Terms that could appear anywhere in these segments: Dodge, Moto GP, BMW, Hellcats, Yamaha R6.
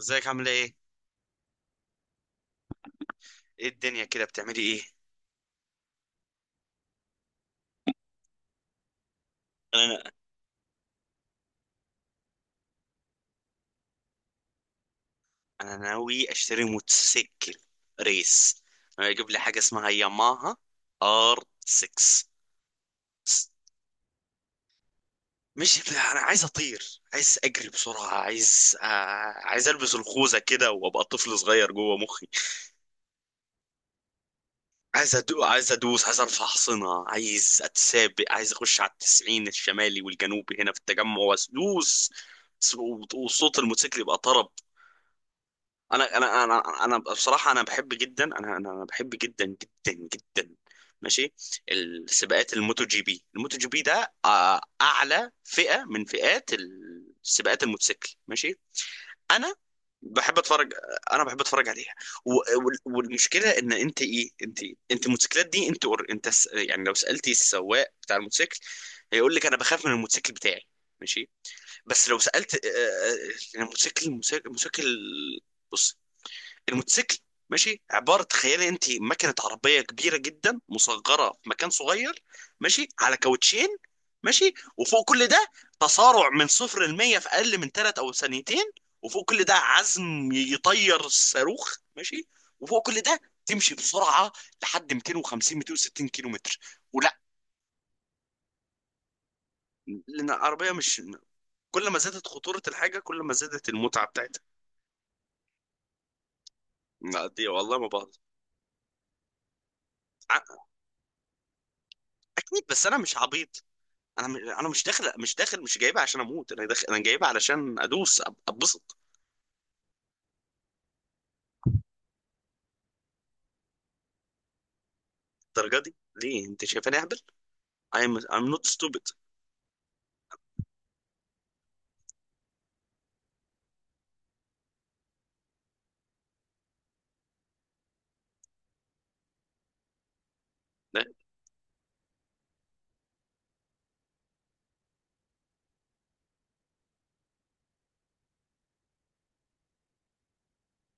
ازيك، عامله ايه؟ ايه الدنيا كده، بتعملي ايه؟ انا انا ناوي اشتري موتوسيكل ريس. انا اجيب لي حاجه اسمها ياماها ار 6. مش انا عايز اطير، عايز اجري بسرعه، عايز عايز البس الخوذه كده وابقى طفل صغير جوه مخي. عايز ادوس، عايز ارفع حصنه، عايز اتسابق، عايز اخش على التسعين الشمالي والجنوبي هنا في التجمع وادوس. وصوت الموتوسيكل يبقى طرب. انا بصراحه، انا بحب جدا. انا بحب جدا جدا جدا. ماشي. السباقات الموتو جي بي، الموتو جي بي ده اعلى فئه من فئات السباقات الموتوسيكل. ماشي. انا بحب اتفرج، انا بحب اتفرج عليها. و- والمشكله ان انت ايه؟ انت انت الموتوسيكلات دي، انت يعني لو سالتي السواق بتاع الموتوسيكل، هيقول لك انا بخاف من الموتوسيكل بتاعي. ماشي. بس لو سالت، الموتوسيكل، بص، الموتوسيكل ماشي. عباره، تخيلي انت مكنه عربيه كبيره جدا مصغره في مكان صغير، ماشي، على كاوتشين، ماشي، وفوق كل ده تسارع من صفر ل 100 في اقل من 3 او ثانيتين. وفوق كل ده عزم يطير الصاروخ، ماشي. وفوق كل ده تمشي بسرعه لحد 250 260 كيلو متر. ولا، لان العربيه مش، كل ما زادت خطوره الحاجه كل ما زادت المتعه بتاعتها. لا دي والله ما بهزر. ع- اكيد، بس انا مش عبيط. انا مش داخل، مش داخل، مش جايبها عشان اموت، انا داخل، انا جايبها علشان ادوس، اتبسط الدرجه دي. ليه، انت شايفاني اهبل؟ I'm not stupid. لا.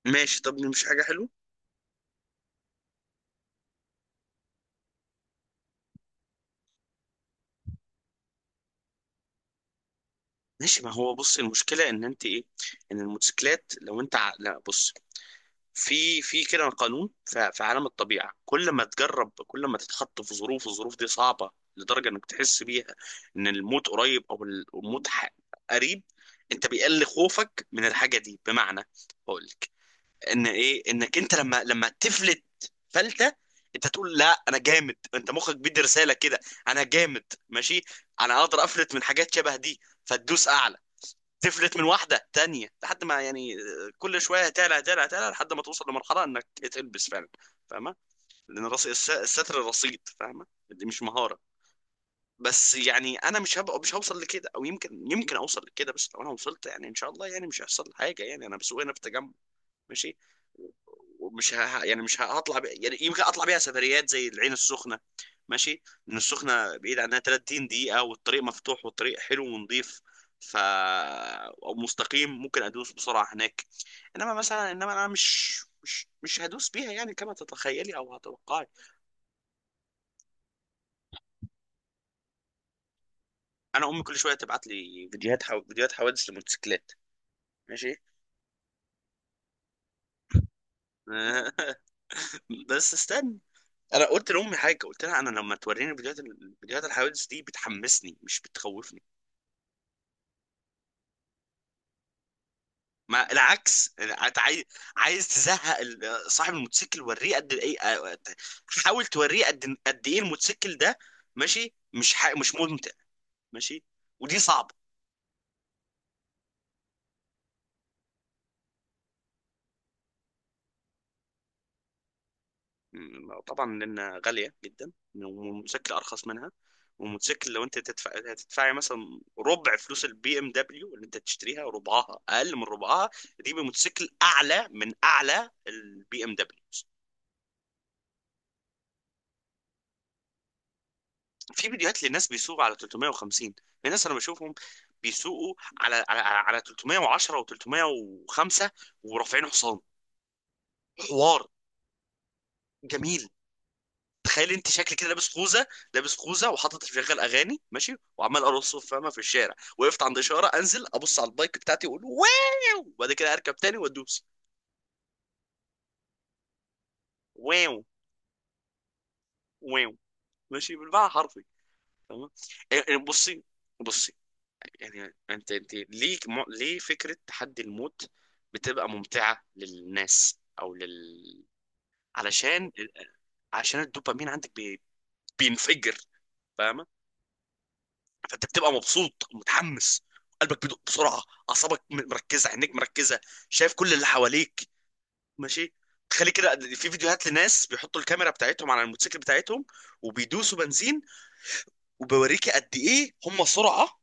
ماشي، طب مش حاجه حلوه. ماشي، ما هو بص، المشكله ان انت ايه، ان الموتوسيكلات لو انت لا، بص، في كده قانون في عالم الطبيعه، كل ما تجرب، كل ما تتحط في ظروف، الظروف دي صعبه لدرجه انك تحس بيها ان الموت قريب، او الموت قريب، انت بيقل خوفك من الحاجه دي. بمعنى، هقول لك ان ايه، انك انت لما تفلت فلتة، انت تقول لا انا جامد، انت مخك بيدي رسالة كده، انا جامد، ماشي، انا اقدر افلت من حاجات شبه دي. فتدوس اعلى، تفلت من واحدة تانية، لحد ما يعني كل شوية تعلى تعلى تعلى لحد ما توصل لمرحلة انك تلبس فعلا. فاهمة؟ لان الستر رصيد، فاهمة، دي مش مهارة. بس يعني انا مش هبقى، مش هوصل لكده، او يمكن اوصل لكده، بس لو انا وصلت يعني ان شاء الله يعني مش هيحصل لي حاجة، يعني انا بسوق هنا في التجمع، ماشي، يعني مش هطلع ب... يعني يمكن اطلع بيها سفريات زي العين السخنه. ماشي، لان السخنه بعيد عنها 30 دقيقه، والطريق مفتوح والطريق حلو ونظيف، ف او مستقيم، ممكن ادوس بسرعه هناك. انما مثلا، انما انا مش هدوس بيها يعني كما تتخيلي او هتوقعي. انا امي كل شويه تبعت لي فيديوهات، فيديوهات حوادث لموتوسيكلات. ماشي. بس استنى، انا قلت لامي حاجه، قلت لها انا لما توريني فيديوهات، فيديوهات الحوادث دي بتحمسني مش بتخوفني. ما العكس، انت عايز تزهق صاحب الموتوسيكل، وريه قد ايه، حاول توريه قد ايه الموتوسيكل ده. ماشي، مش ممتع. ماشي، ودي صعبه. طبعا، لأنها غالية جدا والموتوسيكل أرخص منها. والموتوسيكل لو أنت تدفع، هتدفعي مثلا ربع فلوس البي ام دبليو اللي أنت تشتريها، ربعها، أقل من ربعها، دي بموتوسيكل أعلى من أعلى البي ام دبليو. في فيديوهات لناس بيسوقوا على 350، في ناس أنا بشوفهم بيسوقوا على 310 و305، ورافعين حصان حوار جميل. تخيل انت شكل كده لابس خوذه، لابس خوذه وحاطط شغال اغاني، ماشي، وعمال ارقص، فاهمه، في الشارع وقفت عند اشاره، انزل ابص على البايك بتاعتي واقول واو، وبعد كده اركب تاني وادوس. واو. واو. ماشي، بالمعنى حرفي. تمام. يعني بصي يعني انت ليه ليه فكره تحدي الموت بتبقى ممتعه للناس او لل... علشان عشان الدوبامين عندك بينفجر. فاهمه؟ فانت بتبقى مبسوط متحمس، قلبك بيدق بسرعه، اعصابك مركزه، عينيك مركزه، شايف كل اللي حواليك. ماشي. تخلي كده، في فيديوهات لناس بيحطوا الكاميرا بتاعتهم على الموتوسيكل بتاعتهم وبيدوسوا بنزين، وبيوريك قد ايه هم سرعه،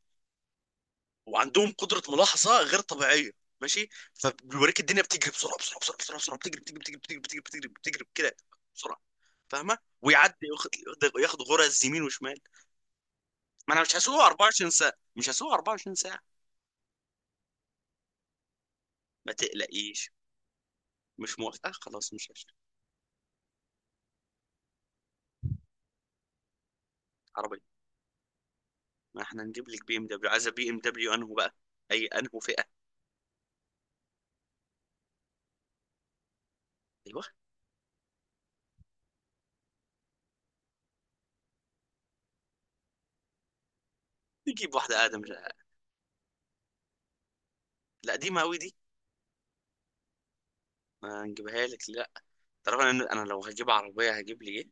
وعندهم قدره ملاحظه غير طبيعيه. ماشي. فبيوريك الدنيا بتجري بسرعه بسرعه بسرعه بسرعه، بسرعة، بتجري بتجري بتجري بتجري بتجري بتجري بتجري كده بسرعه. فاهمه؟ ويعدي ياخد، ياخد غرز يمين وشمال. ما انا مش هسوق 24 ساعه، مش هسوق 24 ساعه، ما تقلقيش. مش موافقة، خلاص مش هشتري عربية. ما احنا نجيب لك بي ام دبليو. عايزة بي ام دبليو انه بقى، اي انه فئة؟ ايوه، نجيب واحدة ادم. لا دي قوي دي، ما نجيبها لك. لا طبعا، انا لو هجيب عربية، هجيب لي ايه؟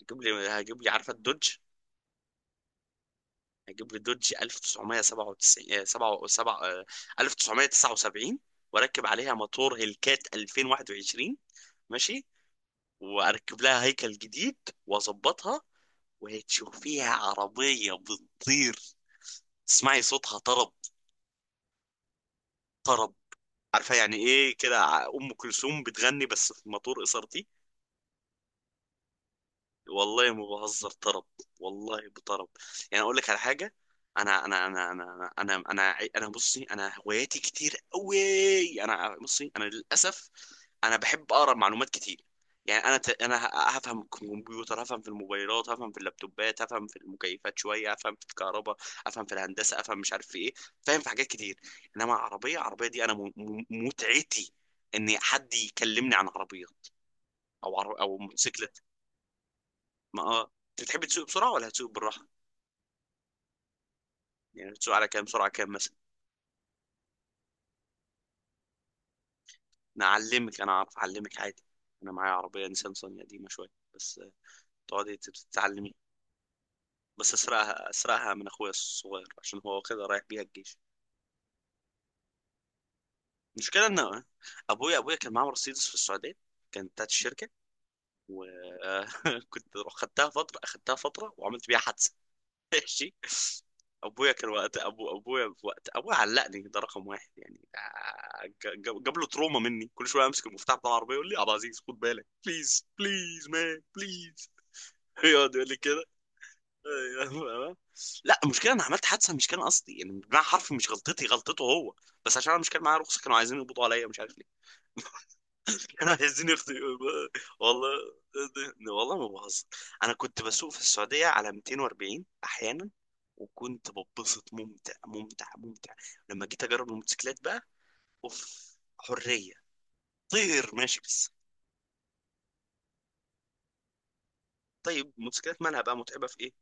هجيب لي عارفة الدوج؟ هجيب لي دوج 1997، 7، 7، 1979، واركب عليها موتور هيلكات 2021، ماشي، واركب لها هيكل جديد، واظبطها، وهتشوفيها عربية بتطير. تسمعي صوتها طرب. طرب. عارفه يعني ايه كده، ام كلثوم بتغني بس في مطور اسرتي. والله ما بهزر، طرب، والله بطرب. يعني اقول لك على حاجه، انا بصي، انا هواياتي كتير قوي، انا بصي، انا للاسف، انا بحب اقرا معلومات كتير. يعني انا، هفهم في الكمبيوتر، هفهم في الموبايلات، هفهم في اللابتوبات، هفهم في المكيفات، شويه افهم في الكهرباء، افهم في الهندسه، افهم مش عارف في ايه، فاهم في حاجات كتير. انما عربيه، عربيه دي انا، متعتي ان حد يكلمني عن عربيات، او موتوسيكل. ما اه، انت بتحب تسوق بسرعه ولا هتسوق بالراحه؟ يعني بتسوق على كام سرعه، كام مثلا؟ انا اعلمك، انا اعرف اعلمك عادي، انا معايا عربيه نيسان صني قديمه شويه، بس تقعدي تتعلمي، بس اسرقها، اسرقها من اخويا الصغير عشان هو واخدها رايح بيها الجيش. المشكله ان ابويا، ابويا كان معاه مرسيدس في السعوديه، كانت بتاعت الشركه، وكنت خدتها فتره، اخدتها فتره وعملت بيها حادثه. ماشي. ابويا كان وقت ابويا، في وقت ابويا علقني ده رقم واحد يعني، جاب له تروما مني، كل شويه امسك المفتاح بتاع العربيه يقول لي يا عبد العزيز خد بالك، بليز بليز مان بليز. يقعد يقول لي كده. أيوة. لا، المشكله انا عملت حادثه مش كان قصدي، يعني بمعنى حرفي مش غلطتي، غلطته هو، بس عشان انا مش كان معايا رخصه كانوا عايزين يقبضوا عليا، مش عارف ليه، كانوا عايزين يخطئوا. والله، والله ما بهزر، انا كنت بسوق في السعوديه على 240 احيانا، وكنت ببسط، ممتع ممتع ممتع. لما جيت اجرب الموتوسيكلات بقى، اوف، حريه، طير، ماشي بس. طيب الموتوسيكلات مالها بقى متعبه في ايه؟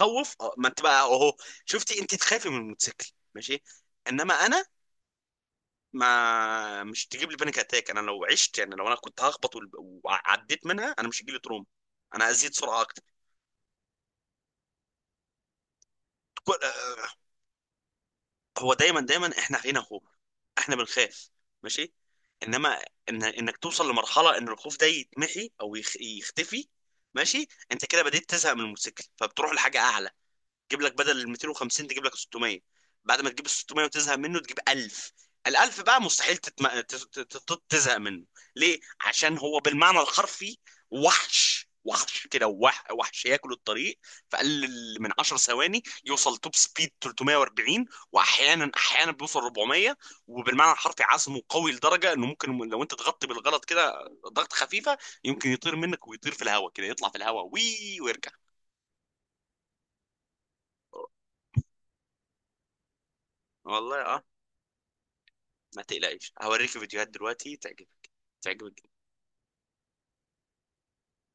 خوف، اه، ما انت بقى اهو، شفتي؟ انت تخافي من الموتوسيكل، ماشي. انما انا، ما مش تجيب لي بانيك اتاك، انا لو عشت يعني، لو انا كنت هخبط وعديت منها، انا مش هيجي لي تروما، انا ازيد سرعه اكتر. هو دايما دايما احنا فينا خوف، احنا بنخاف، ماشي، انما إن انك توصل لمرحله ان الخوف ده يتمحي او يختفي. ماشي، انت كده بديت تزهق من الموتوسيكل، فبتروح لحاجه اعلى، تجيب لك بدل ال 250، تجيب لك 600. بعد ما تجيب ال 600 وتزهق منه، تجيب 1000. الألف بقى مستحيل تتم... ت- ت- ت- تزهق منه. ليه؟ عشان هو بالمعنى الحرفي وحش، وحش كده، وحش، ياكل الطريق. في أقل من 10 ثواني يوصل توب سبيد 340. وأحيانا بيوصل 400. وبالمعنى الحرفي عزمه قوي لدرجة إنه ممكن لو أنت تغطي بالغلط كده ضغط خفيفة، يمكن يطير منك، ويطير في الهواء كده، يطلع في الهواء ويرجع. والله اه، ما تقلقش، هوريك فيديوهات دلوقتي تعجبك. تعجبك.